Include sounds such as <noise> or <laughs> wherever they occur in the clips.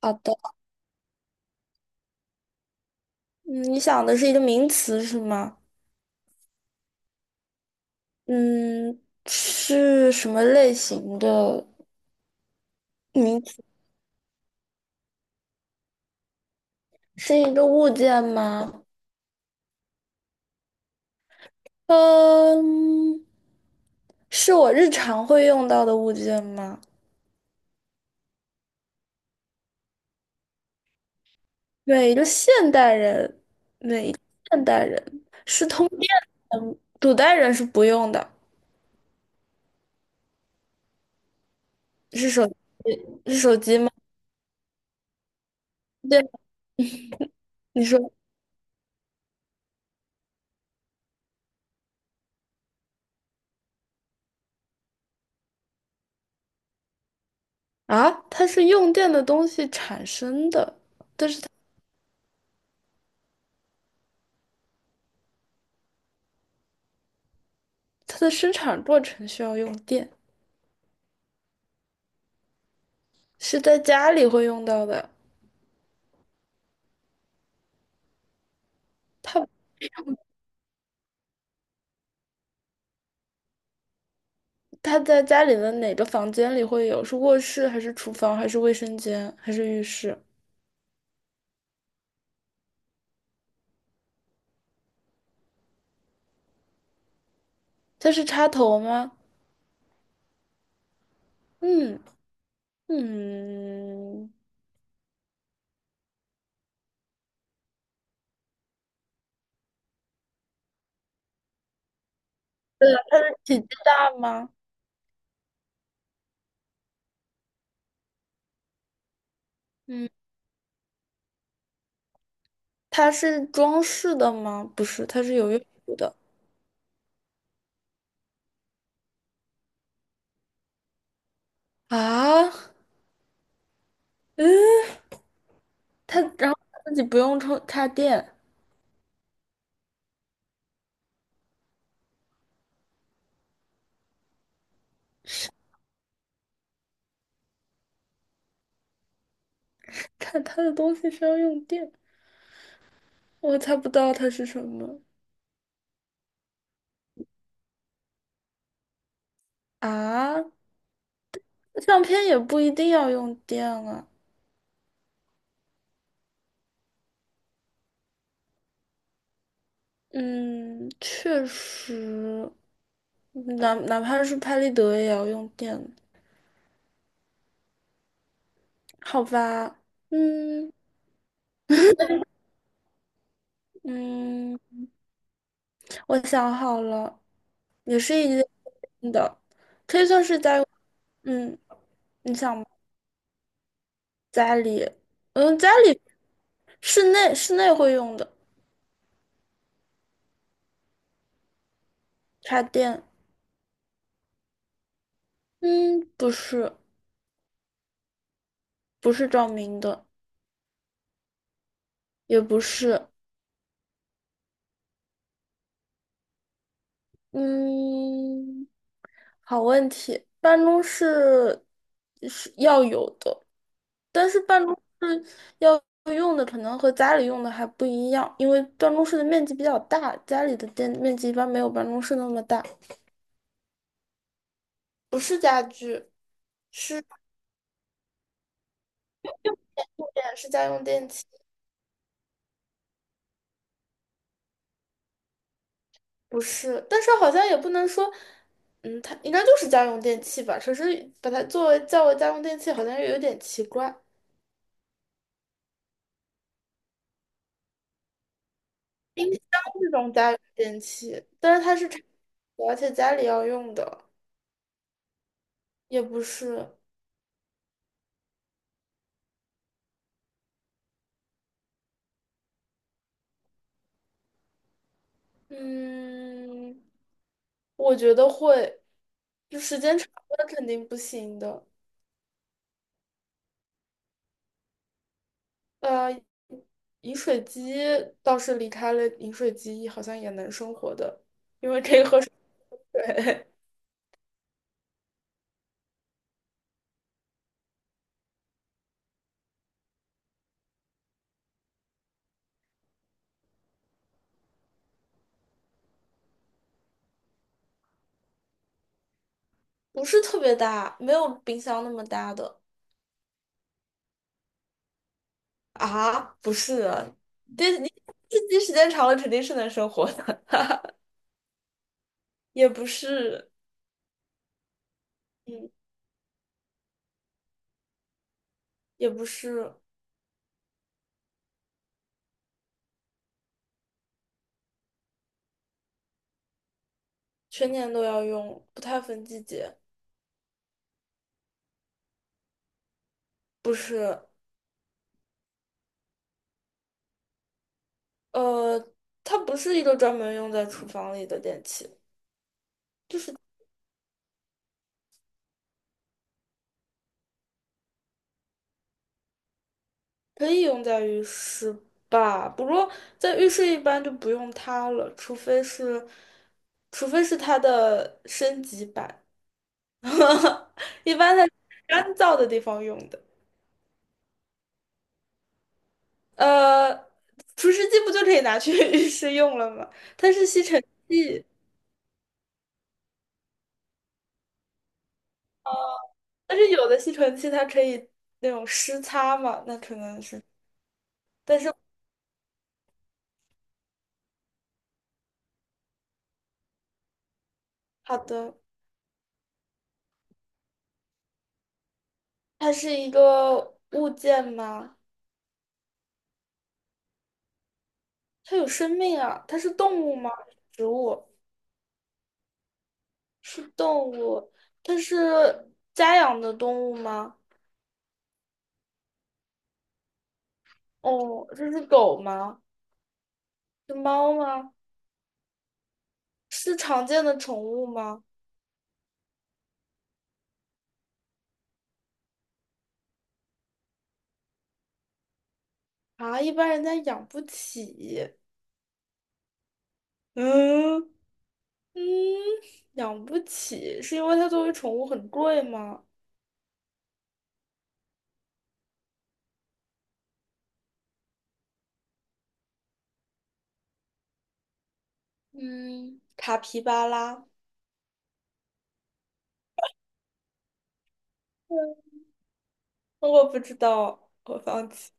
好的。嗯你想的是一个名词是吗？嗯，是什么类型的名词？是一个物件吗？嗯，是我日常会用到的物件吗？对，一个现代人，现代人是通电的，古代人是不用的，是手是手机吗？对，你说啊，它是用电的东西产生的，它的生产过程需要用电，是在家里会用到的。它。他在家里的哪个房间里会有？是卧室还是厨房还是卫生间还是浴室？它是插头吗？嗯嗯，体积大吗？嗯，它是装饰的吗？不是，它是有用途的啊。嗯，它然后它自己不用充插电，看它的东西是要用电，我猜不到它是什么啊。相片也不一定要用电啊。嗯，确实，哪怕是拍立得也要用电，好吧？嗯嗯，我想好了，也是一件的，可以算是家用嗯，你想吗家里，嗯，家里室内会用的插电，嗯，不是照明的，也不是。嗯，好问题，办公室是要有的，但是办公室要用的可能和家里用的还不一样，因为办公室的面积比较大，家里的电面积一般没有办公室那么大。不是家具，是电，是家用电器，不是，但是好像也不能说。嗯，它应该就是家用电器吧，只是把它作为叫为家用电器，好像又有点奇怪。冰箱这种家用电器，但是它是常用的而且家里要用的，也不是。嗯，我觉得会，就时间长了肯定不行的。呃，饮水机倒是离开了饮水机，好像也能生活的。对。<laughs> 不是特别大，没有冰箱那么大的啊，不是啊，电你机时间长了肯定是能生活的，<laughs> 也不是，嗯，也不是。全年都要用，不太分季节。不是。呃，它不是一个专门用在厨房里的电器，可以用在浴室吧？不过在浴室一般就不用它了，除非是，除非是它的升级版，<laughs> 一般它是干燥的地方用的。呃，除湿机不就可以拿去 <laughs> 浴室用了吗？它是吸尘器，但是有的吸尘器它可以那种湿擦嘛，那可能是，但是。好的，它是一个物件吗？它有生命啊？它是动物吗？植物是动物，它是家养的动物吗？哦，这是狗吗？是猫吗？是常见的宠物吗？啊，一般人家养不起。嗯嗯，养不起，是因为它作为宠物很贵吗？嗯，卡皮巴拉。嗯我不知道，我放弃。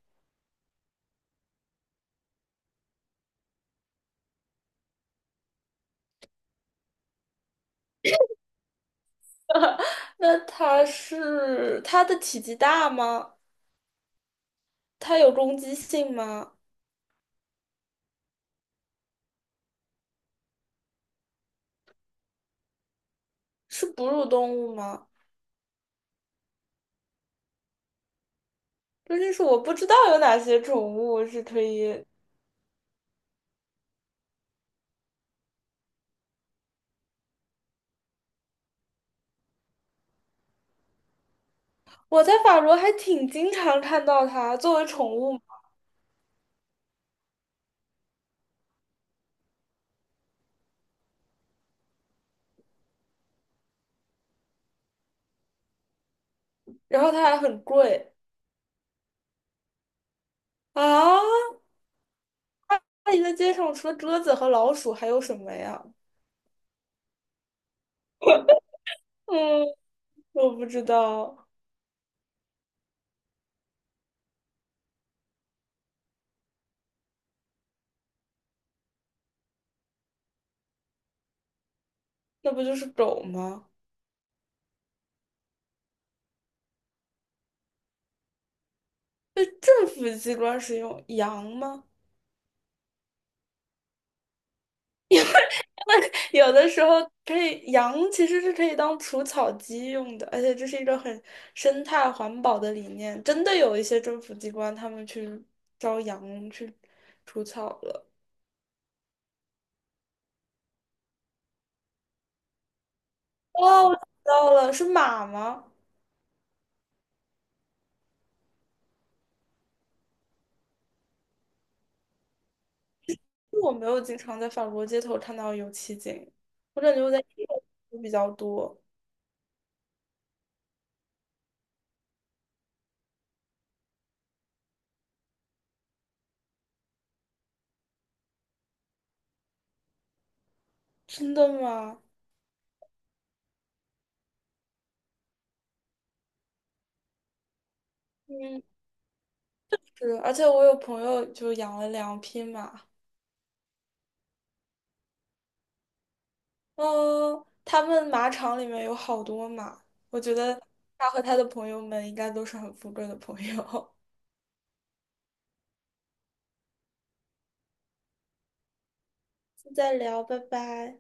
那它是它的体积大吗？它有攻击性吗？是哺乳动物吗？究竟是我不知道有哪些宠物是可以。我在法国还挺经常看到它作为宠物，然后它还很贵啊。那你在街上除了鸽子和老鼠还有什么呀？嗯，我不知道，那不就是狗吗？被政府机关使用，羊吗？有的时候可以，羊其实是可以当除草机用的，而且这是一个很生态环保的理念。真的有一些政府机关他们去招羊去除草了。哦，我知道了，是马吗？我没有经常在法国街头看到有骑警，我感觉我在英国比较多。真的吗？嗯，是，而且我有朋友就养了两匹马，嗯，他们马场里面有好多马，我觉得他和他的朋友们应该都是很富贵的朋友。<laughs> 现在聊，拜拜。